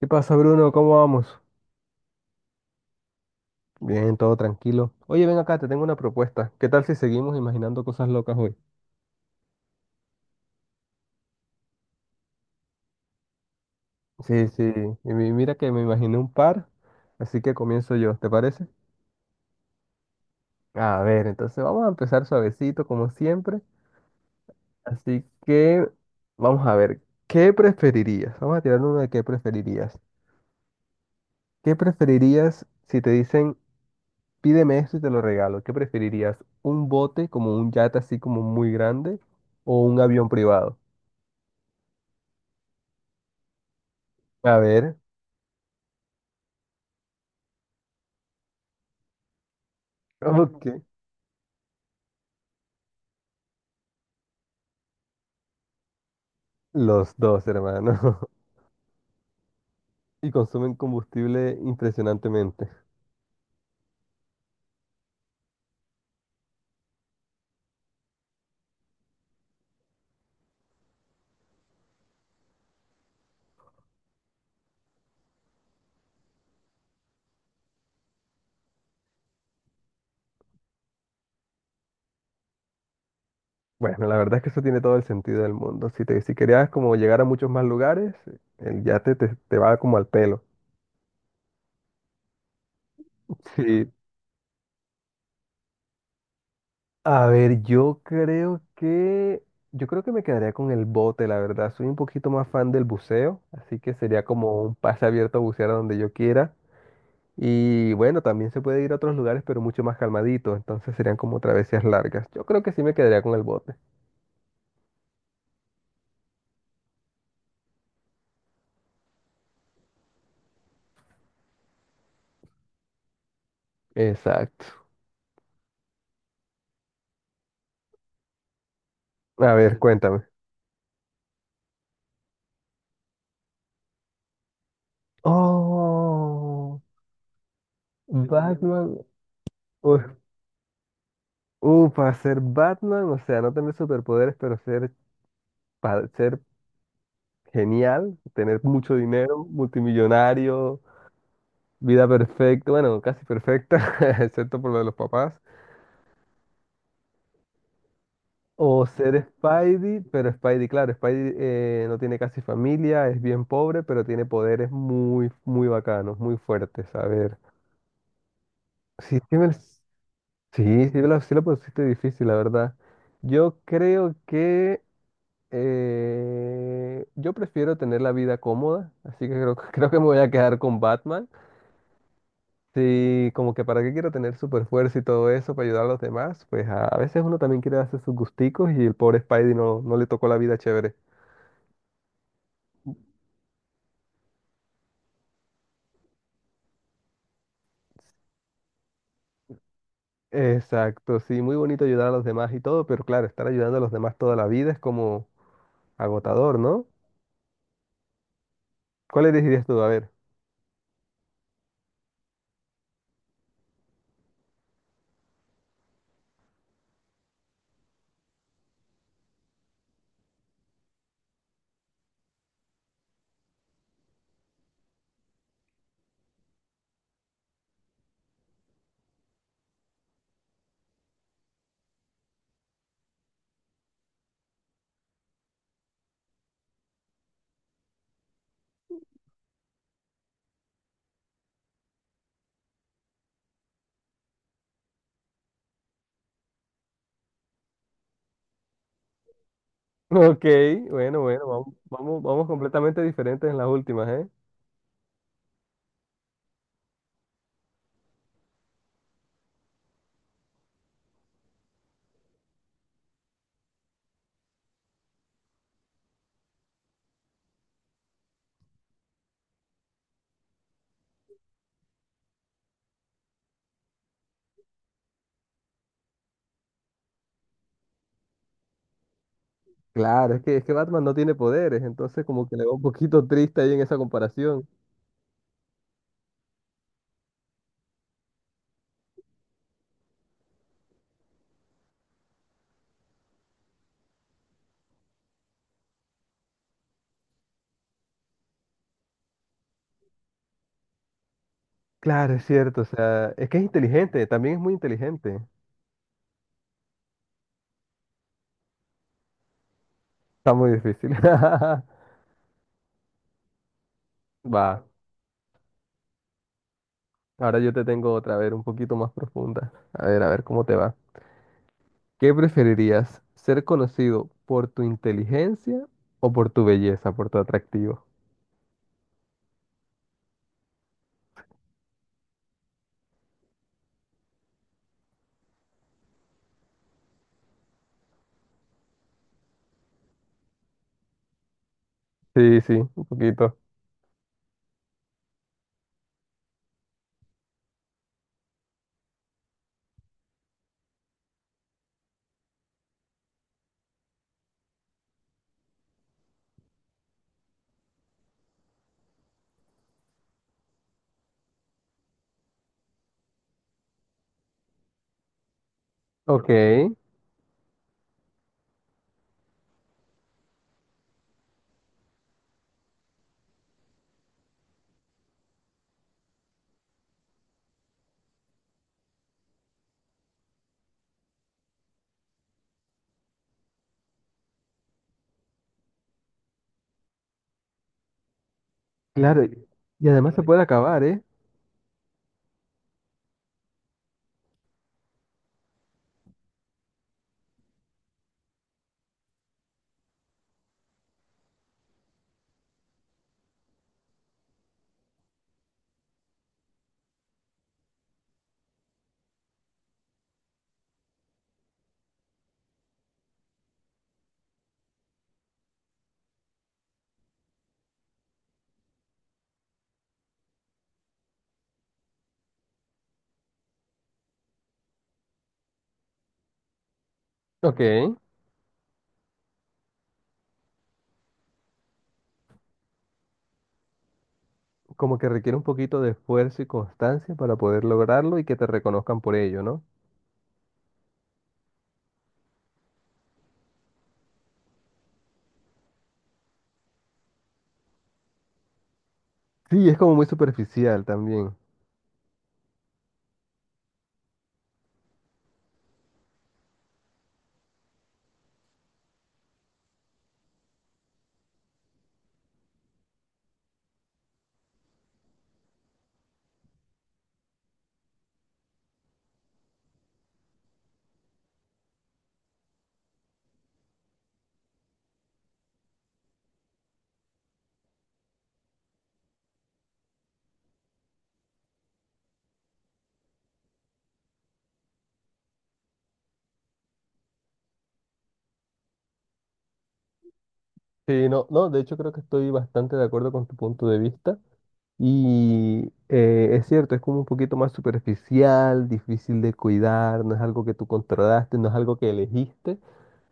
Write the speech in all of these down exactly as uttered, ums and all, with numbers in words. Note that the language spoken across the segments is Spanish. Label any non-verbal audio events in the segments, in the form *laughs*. ¿Qué pasa, Bruno? ¿Cómo vamos? Bien, todo tranquilo. Oye, ven acá, te tengo una propuesta. ¿Qué tal si seguimos imaginando cosas locas hoy? Sí, sí. Y mi- mira que me imaginé un par, así que comienzo yo, ¿te parece? A ver, entonces vamos a empezar suavecito, como siempre. Así que vamos a ver, ¿qué preferirías? Vamos a tirar uno de qué preferirías. ¿Qué preferirías si te dicen, pídeme esto y te lo regalo? ¿Qué preferirías? ¿Un bote como un yate así como muy grande o un avión privado? A ver. Ok. Los dos, hermano. *laughs* Y consumen combustible impresionantemente. Bueno, la verdad es que eso tiene todo el sentido del mundo. Si te, si querías como llegar a muchos más lugares, el yate te, te va como al pelo. *laughs* Sí. A ver, yo creo que yo creo que me quedaría con el bote, la verdad. Soy un poquito más fan del buceo, así que sería como un pase abierto a bucear a donde yo quiera. Y bueno, también se puede ir a otros lugares, pero mucho más calmadito. Entonces serían como travesías largas. Yo creo que sí me quedaría con el bote. Exacto. A ver, cuéntame. Oh, Batman. Uf, uh, para ser Batman, o sea, no tener superpoderes, pero ser, pa- ser genial, tener mucho dinero, multimillonario, vida perfecta, bueno, casi perfecta, *laughs* excepto por lo de los papás. O ser Spidey, pero Spidey, claro, Spidey eh, no tiene casi familia, es bien pobre, pero tiene poderes muy, muy bacanos, muy fuertes. A ver, si tiene Sí, sí la, sí la pusiste difícil, la verdad. Yo creo que eh, yo prefiero tener la vida cómoda, así que creo, *laughs* creo que me voy a quedar con Batman. Sí, como que para qué quiero tener super fuerza y todo eso para ayudar a los demás, pues a, a veces uno también quiere hacer sus gusticos y el pobre Spidey no, no le tocó la vida chévere. Exacto, sí, muy bonito ayudar a los demás y todo, pero claro, estar ayudando a los demás toda la vida es como agotador, ¿no? ¿Cuál elegirías tú? A ver. Ok, bueno, bueno, vamos, vamos, vamos completamente diferentes en las últimas, ¿eh? Claro, es que, es que Batman no tiene poderes, entonces como que le va un poquito triste ahí en esa comparación. Claro, es cierto, o sea, es que es inteligente, también es muy inteligente. Está muy difícil. *laughs* Va, ahora yo te tengo otra, a ver, un poquito más profunda. A ver, a ver cómo te va. ¿Qué preferirías, ser conocido por tu inteligencia o por tu belleza, por tu atractivo? Sí, sí, un poquito. Ok, claro, y y además se puede acabar, ¿eh? Ok, como que requiere un poquito de esfuerzo y constancia para poder lograrlo y que te reconozcan por ello, ¿no? Sí, es como muy superficial también. Sí, no, no, de hecho creo que estoy bastante de acuerdo con tu punto de vista y eh, es cierto, es como un poquito más superficial, difícil de cuidar, no es algo que tú controlaste, no es algo que elegiste.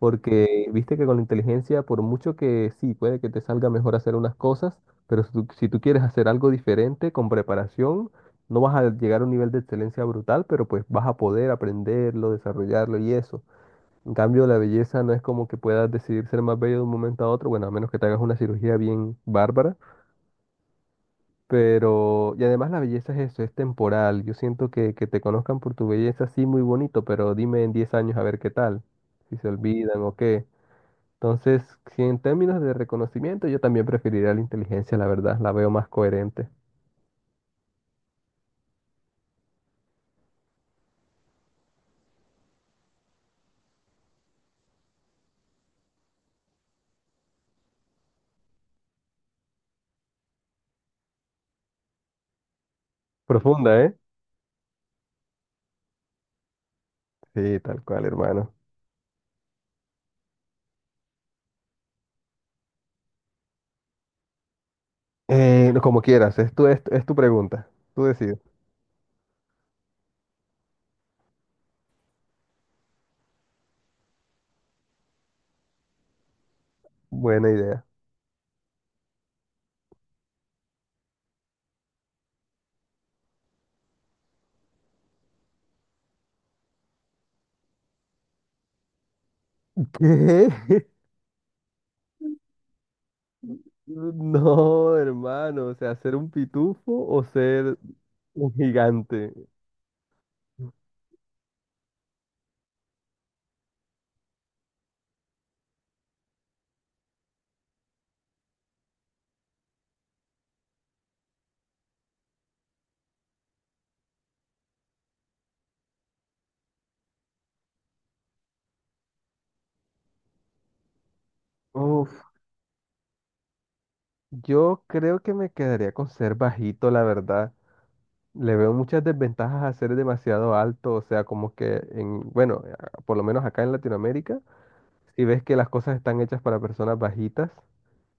Porque viste que con la inteligencia, por mucho que sí, puede que te salga mejor hacer unas cosas, pero si tú, si tú quieres hacer algo diferente con preparación, no vas a llegar a un nivel de excelencia brutal, pero pues vas a poder aprenderlo, desarrollarlo y eso. En cambio, la belleza no es como que puedas decidir ser más bello de un momento a otro, bueno, a menos que te hagas una cirugía bien bárbara, pero... Y además la belleza es eso, es temporal. Yo siento que, que te conozcan por tu belleza, sí, muy bonito, pero dime en diez años a ver qué tal, si se olvidan o qué. Entonces, si en términos de reconocimiento, yo también preferiría la inteligencia, la verdad, la veo más coherente. Profunda, ¿eh? Sí, tal cual, hermano. Eh, no, como quieras, es tu, es, es tu pregunta. Tú decides. Buena idea. ¿Qué? *laughs* No, hermano, o sea, ser un pitufo o ser un gigante. Uf, yo creo que me quedaría con ser bajito, la verdad. Le veo muchas desventajas a ser demasiado alto, o sea, como que en, bueno, a- por lo menos acá en Latinoamérica, si ves que las cosas están hechas para personas bajitas,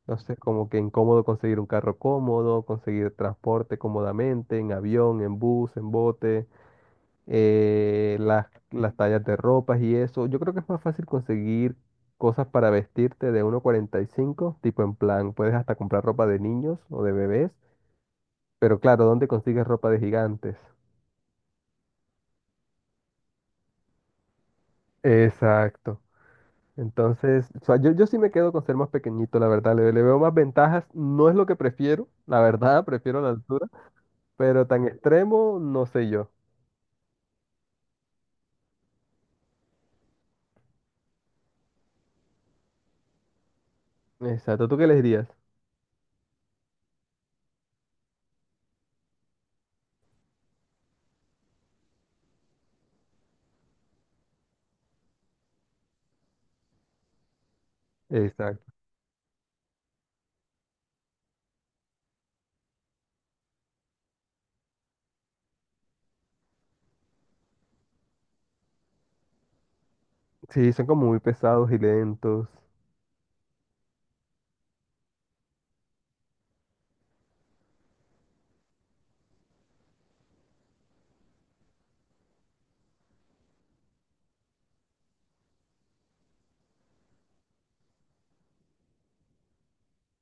entonces como que incómodo conseguir un carro cómodo, conseguir transporte cómodamente, en avión, en bus, en bote, eh, las, las tallas de ropas y eso. Yo creo que es más fácil conseguir cosas para vestirte de uno cuarenta y cinco, tipo en plan, puedes hasta comprar ropa de niños o de bebés, pero claro, ¿dónde consigues ropa de gigantes? Exacto. Entonces, o sea, yo, yo sí me quedo con ser más pequeñito, la verdad. Le, le veo más ventajas. No es lo que prefiero, la verdad, *laughs* prefiero la altura, pero tan extremo, no sé yo. Exacto, ¿tú qué les dirías? Exacto. Sí, son como muy pesados y lentos.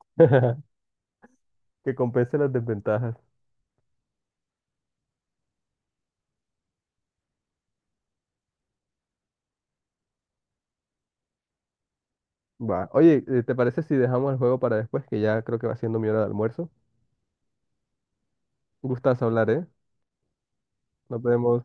*laughs* Que compensen las desventajas. Va. Oye, eh, ¿te parece si dejamos el juego para después? Que ya creo que va siendo mi hora de almuerzo. Gustas hablar, ¿eh? Nos vemos.